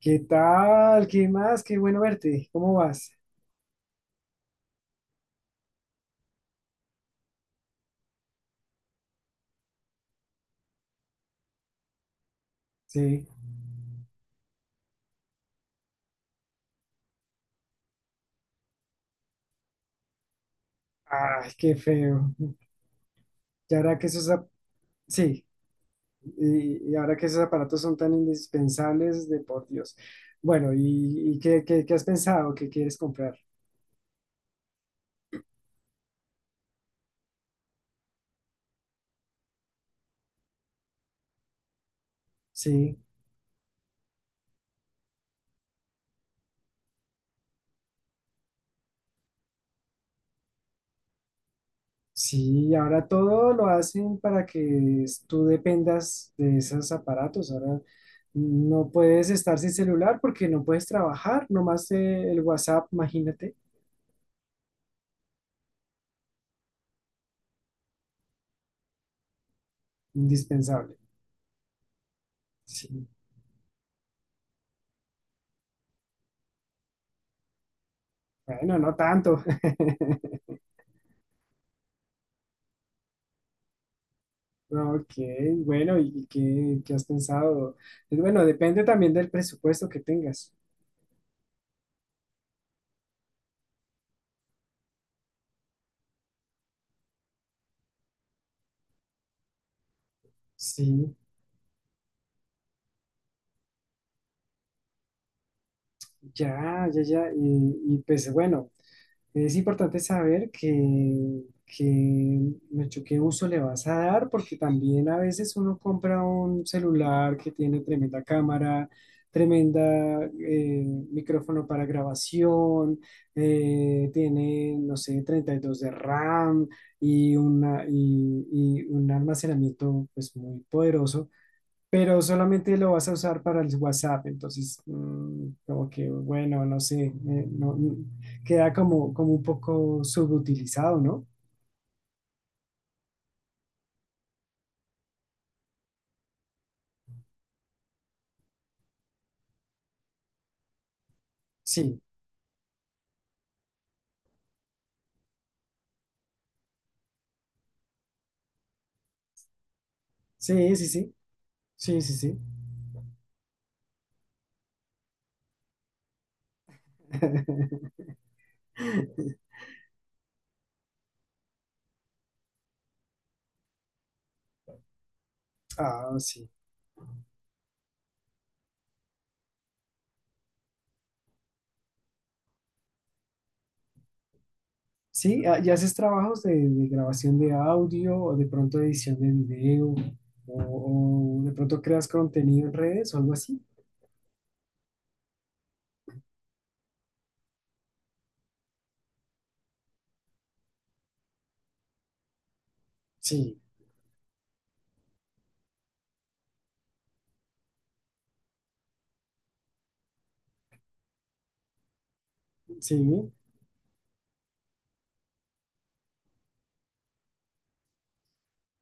¿Qué tal? ¿Qué más? Qué bueno verte. ¿Cómo vas? Sí. Ay, qué feo. Y ahora que esos, ap- Sí. Y ahora que esos aparatos son tan indispensables, de por Dios. Bueno, ¿y qué has pensado? ¿Qué quieres comprar? Sí, sí, ahora todo lo hacen para que tú dependas de esos aparatos. Ahora no puedes estar sin celular porque no puedes trabajar, nomás el WhatsApp, imagínate, indispensable. Sí. Bueno, no tanto. Ok, bueno, ¿y qué has pensado? Bueno, depende también del presupuesto que tengas. Sí, ya, ya, ya. Y pues bueno, es importante saber que mucho qué uso le vas a dar, porque también a veces uno compra un celular que tiene tremenda cámara, tremenda micrófono para grabación, tiene, no sé, 32 de RAM y un almacenamiento pues, muy poderoso, pero solamente lo vas a usar para el WhatsApp, entonces como que bueno, no sé, queda como un poco subutilizado, ¿no? Sí, sí, sí, sí, sí, sí, sí. Ah, sí. Sí, ah, ¿y haces trabajos de grabación de audio o de pronto edición de video o de pronto creas contenido en redes o algo así? Sí, sí.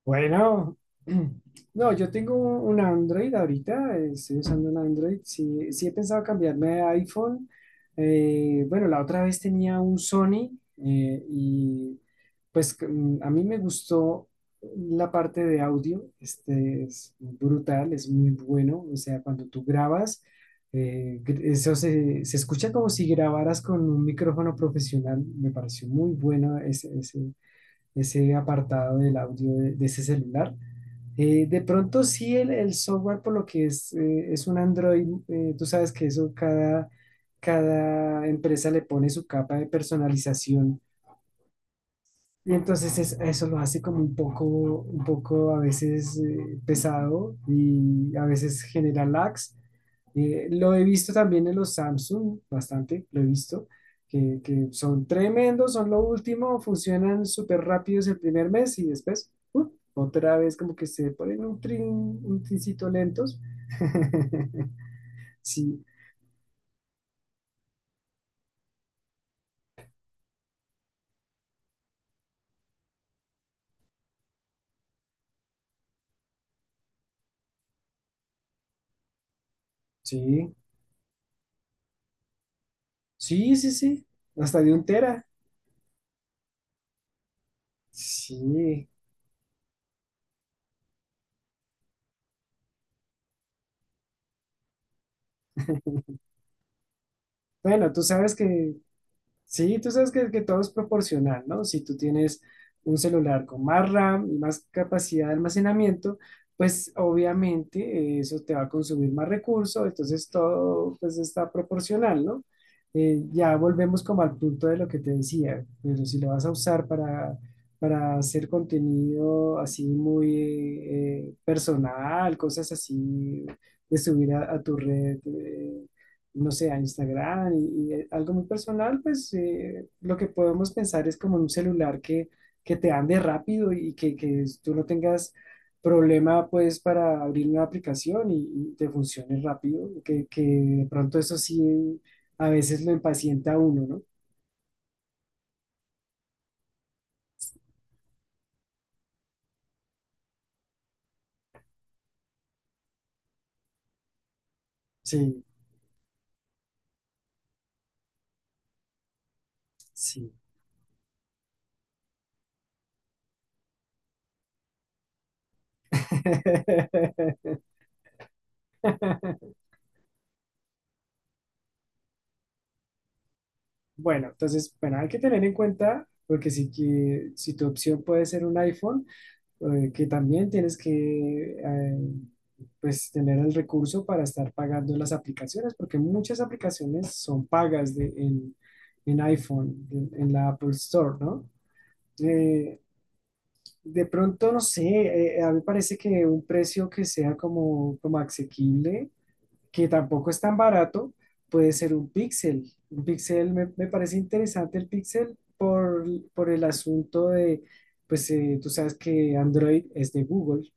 Bueno, no, yo tengo un Android ahorita, estoy usando un Android. Sí, sí he pensado cambiarme a iPhone. Bueno, la otra vez tenía un Sony y pues a mí me gustó la parte de audio. Este es brutal, es muy bueno. O sea, cuando tú grabas, eso se escucha como si grabaras con un micrófono profesional. Me pareció muy bueno ese apartado del audio de ese celular. De pronto sí el software, por lo que es un Android, tú sabes que eso cada empresa le pone su capa de personalización, y entonces eso lo hace como un poco a veces pesado y a veces genera lags, lo he visto también en los Samsung, bastante, lo he visto, que son tremendos, son lo último, funcionan súper rápidos el primer mes y después otra vez como que se ponen un trincito lentos. Sí, sí, sí, sí, sí, hasta de un tera. Sí. Bueno, tú sabes que Sí, tú sabes que todo es proporcional, ¿no? Si tú tienes un celular con más RAM y más capacidad de almacenamiento, pues obviamente eso te va a consumir más recursos, entonces todo pues está proporcional, ¿no? Ya volvemos como al punto de lo que te decía, pero si lo vas a usar para hacer contenido así muy personal, cosas así de subir a tu red, no sé, a Instagram y algo muy personal, pues lo que podemos pensar es como en un celular que te ande rápido y que tú no tengas problema pues para abrir una aplicación y te funcione rápido, que de pronto eso sí a veces lo impacienta a uno, ¿no? Sí, sí. Bueno, entonces, bueno, hay que tener en cuenta, porque si tu opción puede ser un iPhone, que también tienes que pues tener el recurso para estar pagando las aplicaciones, porque muchas aplicaciones son pagas en iPhone, en la Apple Store, ¿no? Eh, de pronto, no sé, a mí me parece que un precio que sea como asequible, que tampoco es tan barato, puede ser un Pixel. Un Pixel, me parece interesante el Pixel por el asunto de, pues tú sabes que Android es de Google.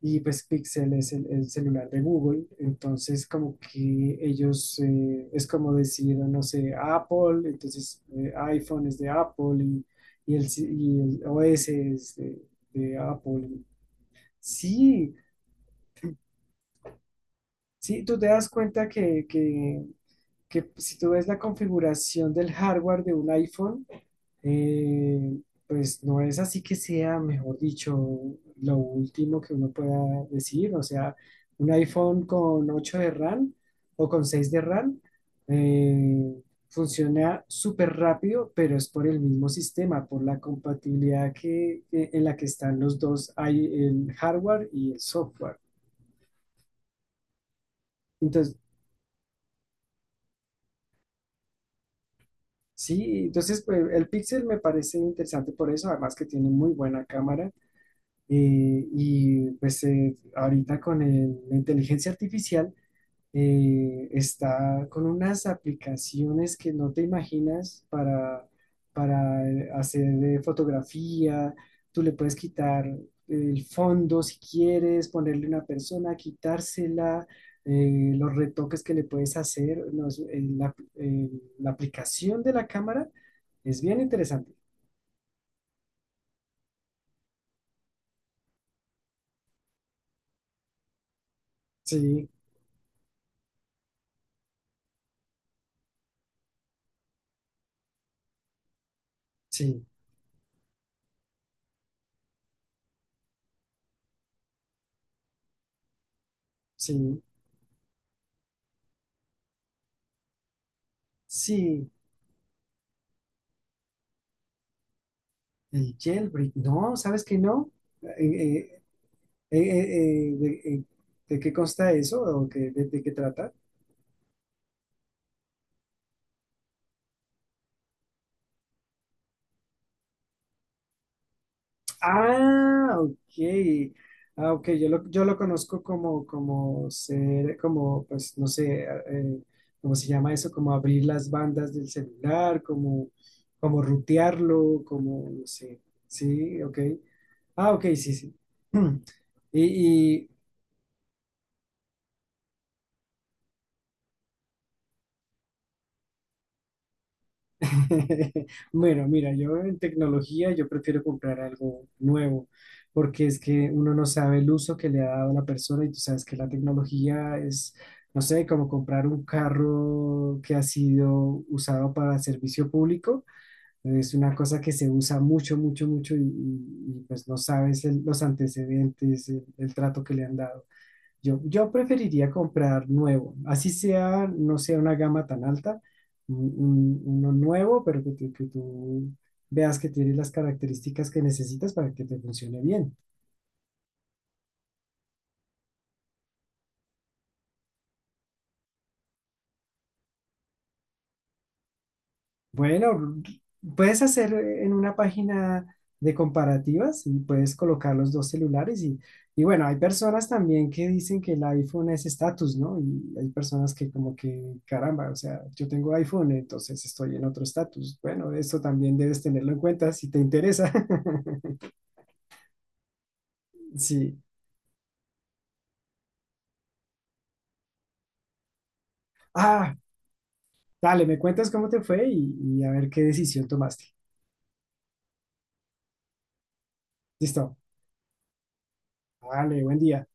Y pues Pixel es el celular de Google, entonces como que ellos, es como decir, no sé, Apple, entonces iPhone es de Apple y el, si- y el OS es de Apple. Sí, sí, tú te das cuenta que si tú ves la configuración del hardware de un iPhone, eh, pues no es así que sea, mejor dicho, lo último que uno pueda decir. O sea, un iPhone con 8 de RAM o con 6 de RAM eh, funciona súper rápido, pero es por el mismo sistema, por la compatibilidad que, en la que están los dos, hay el hardware y el software. Entonces, sí, entonces pues, el Pixel me parece interesante por eso, además que tiene muy buena cámara. Y pues ahorita con la inteligencia artificial está con unas aplicaciones que no te imaginas para hacer fotografía. Tú le puedes quitar el fondo si quieres, ponerle una persona, quitársela, los retoques que le puedes hacer. No, en la aplicación de la cámara es bien interesante. Sí, sí, sí, sí. El jailbreak, no, ¿sabes que no? Eh, eh, eh, eh, eh, de, eh, ¿De qué consta eso? ¿O de qué trata? Ah, ok. Ah, ok, yo lo conozco como, ser, como, pues, no sé, ah, ¿cómo se llama eso? Como abrir las bandas del celular, como rutearlo, como, no sé. Sí, ok. Ah, ok, sí, sí. Y, Bueno, mira, yo en tecnología yo prefiero comprar algo nuevo, porque es que uno no sabe el uso que le ha dado la persona y tú sabes que la tecnología es, no sé, como comprar un carro que ha sido usado para servicio público, es una cosa que se usa mucho, mucho, mucho pues no sabes los antecedentes, el trato que le han dado. Yo preferiría comprar nuevo, así sea, no sea una gama tan alta, uno nuevo, pero que tú veas que tiene las características que necesitas para que te funcione bien. Bueno, puedes hacer en una página de comparativas y puedes colocar los dos celulares y bueno, hay personas también que dicen que el iPhone es estatus, ¿no? Y hay personas que como que, caramba, o sea, yo tengo iPhone, entonces estoy en otro estatus. Bueno, esto también debes tenerlo en cuenta si te interesa. Sí. Ah, dale, me cuentas cómo te fue y a ver qué decisión tomaste. Listo. Vale, buen día.